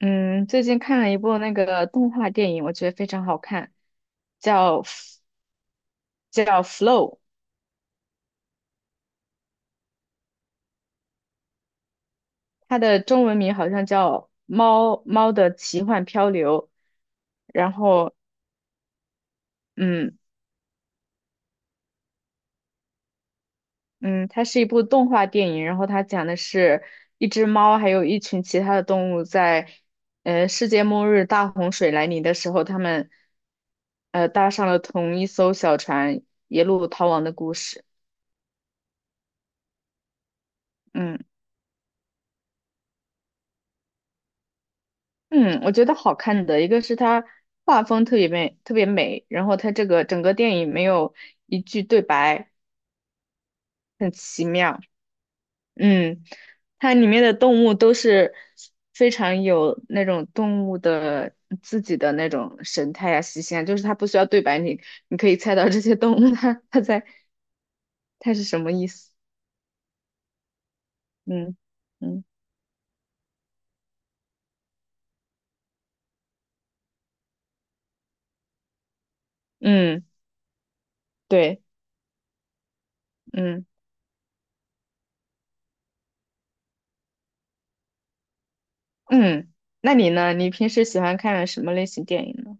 嗯，最近看了一部那个动画电影，我觉得非常好看，叫 叫《Flow》,它的中文名好像叫《猫猫的奇幻漂流》。然后，嗯嗯，它是一部动画电影，然后它讲的是一只猫还有一群其他的动物在世界末日大洪水来临的时候，他们搭上了同一艘小船，一路逃亡的故事。嗯。嗯，我觉得好看的一个是它画风特别美，特别美，然后它这个整个电影没有一句对白，很奇妙。嗯，它里面的动物都是非常有那种动物的自己的那种神态啊、习性啊，就是它不需要对白，你可以猜到这些动物它在它是什么意思。嗯嗯嗯，对，嗯嗯，那你呢？你平时喜欢看什么类型电影呢？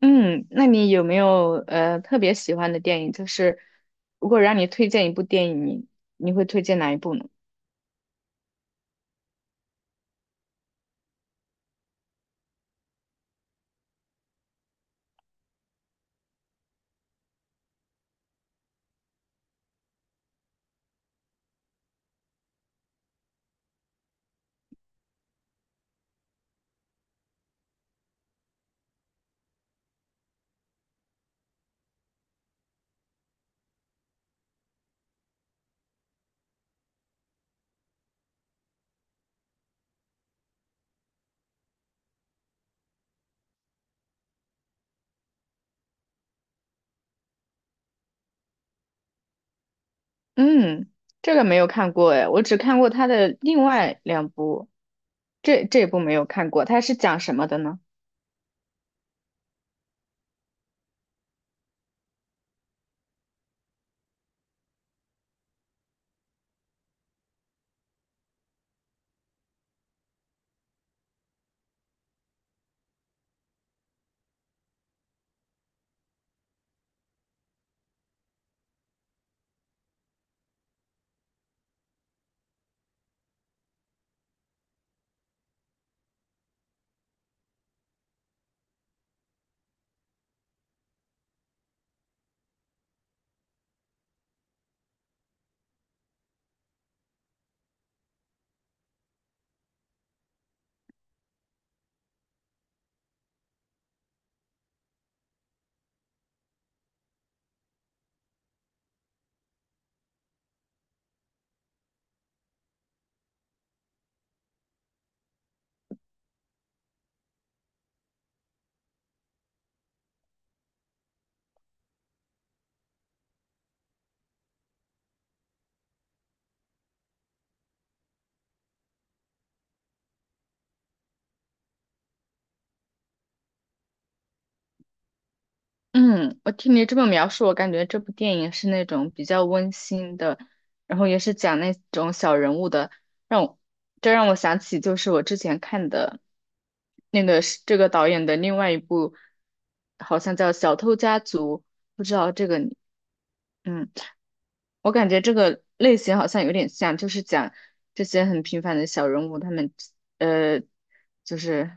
嗯，那你有没有特别喜欢的电影？就是如果让你推荐一部电影，你会推荐哪一部呢？嗯，这个没有看过哎，我只看过他的另外两部，这部没有看过，它是讲什么的呢？嗯，我听你这么描述，我感觉这部电影是那种比较温馨的，然后也是讲那种小人物的，让我这让我想起就是我之前看的那个是这个导演的另外一部，好像叫《小偷家族》，不知道这个你，嗯，我感觉这个类型好像有点像，就是讲这些很平凡的小人物，他们呃，就是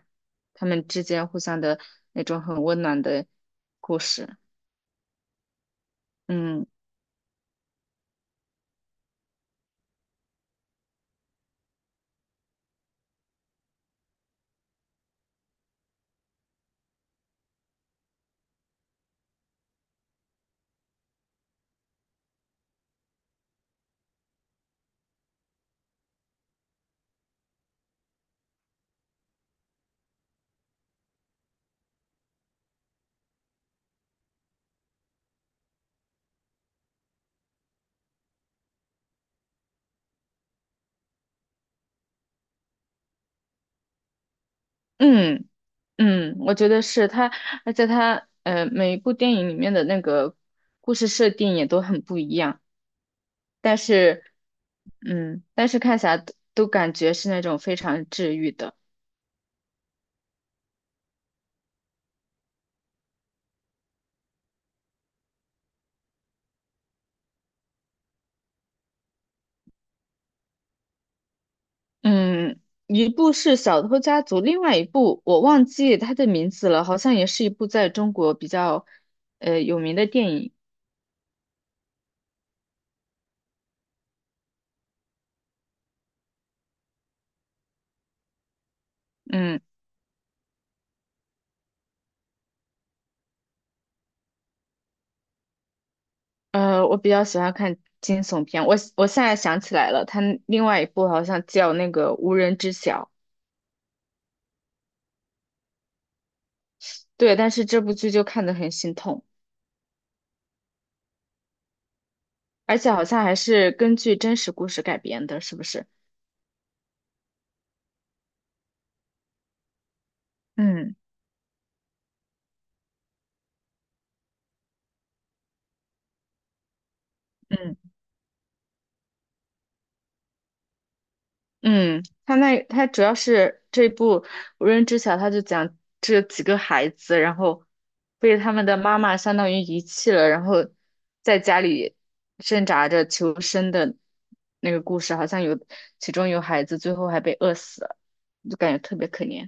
他们之间互相的那种很温暖的故事，嗯。嗯嗯，我觉得是他，而且他每一部电影里面的那个故事设定也都很不一样，但是嗯，但是看起来都感觉是那种非常治愈的。嗯，一部是《小偷家族》，另外一部我忘记他的名字了，好像也是一部在中国比较有名的电影。嗯我比较喜欢看惊悚片，我现在想起来了，他另外一部好像叫那个《无人知晓》。对，但是这部剧就看得很心痛，而且好像还是根据真实故事改编的，是不是？嗯嗯嗯，他主要是这部《无人知晓》，他就讲这几个孩子，然后被他们的妈妈相当于遗弃了，然后在家里挣扎着求生的那个故事，好像其中有孩子最后还被饿死了，就感觉特别可怜。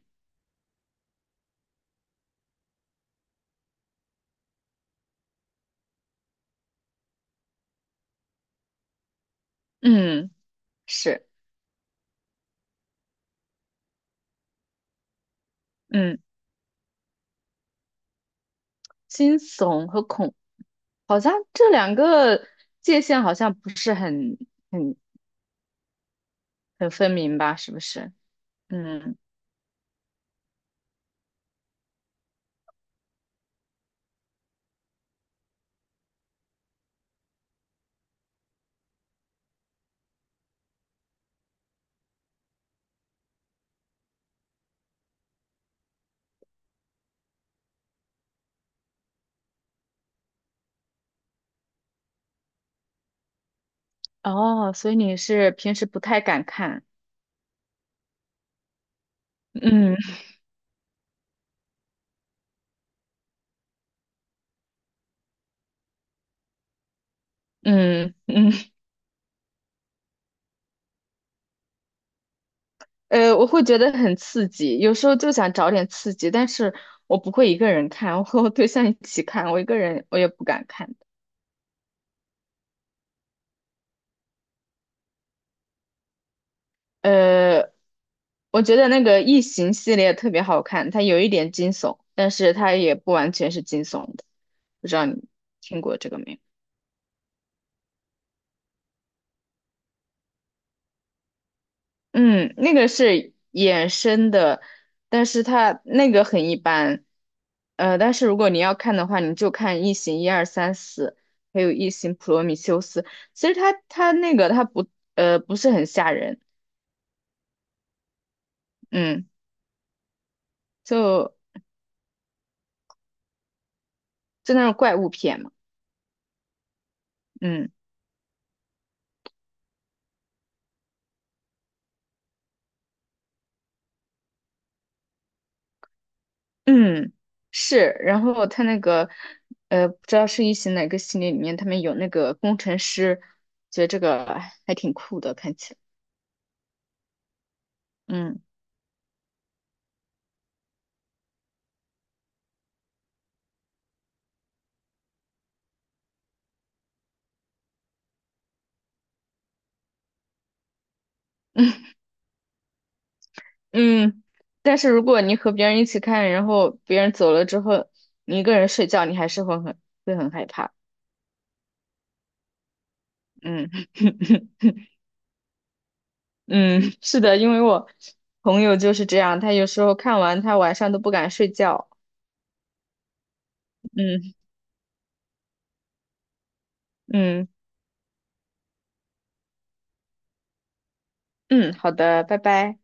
嗯，是，嗯，惊悚和恐。好像这两个界限好像不是很很分明吧？是不是？嗯，哦，所以你是平时不太敢看，嗯嗯嗯，我会觉得很刺激，有时候就想找点刺激，但是我不会一个人看，我 和我对象一起看，我一个人我也不敢看。呃，我觉得那个《异形》系列特别好看，它有一点惊悚，但是它也不完全是惊悚的，不知道你听过这个没有？嗯，那个是衍生的，但是它那个很一般。呃，但是如果你要看的话，你就看《异形》一二三四，还有《异形：普罗米修斯》。其实它它那个它不不是很吓人，嗯，就就那种怪物片嘛，嗯嗯是。然后它那个不知道是《异形》哪个系列里面，他们有那个工程师，觉得这个还挺酷的，看起来，嗯。嗯，但是如果你和别人一起看，然后别人走了之后，你一个人睡觉，你还是会很害怕。嗯 嗯，是的，因为我朋友就是这样，他有时候看完，他晚上都不敢睡觉。嗯嗯嗯，好的，拜拜。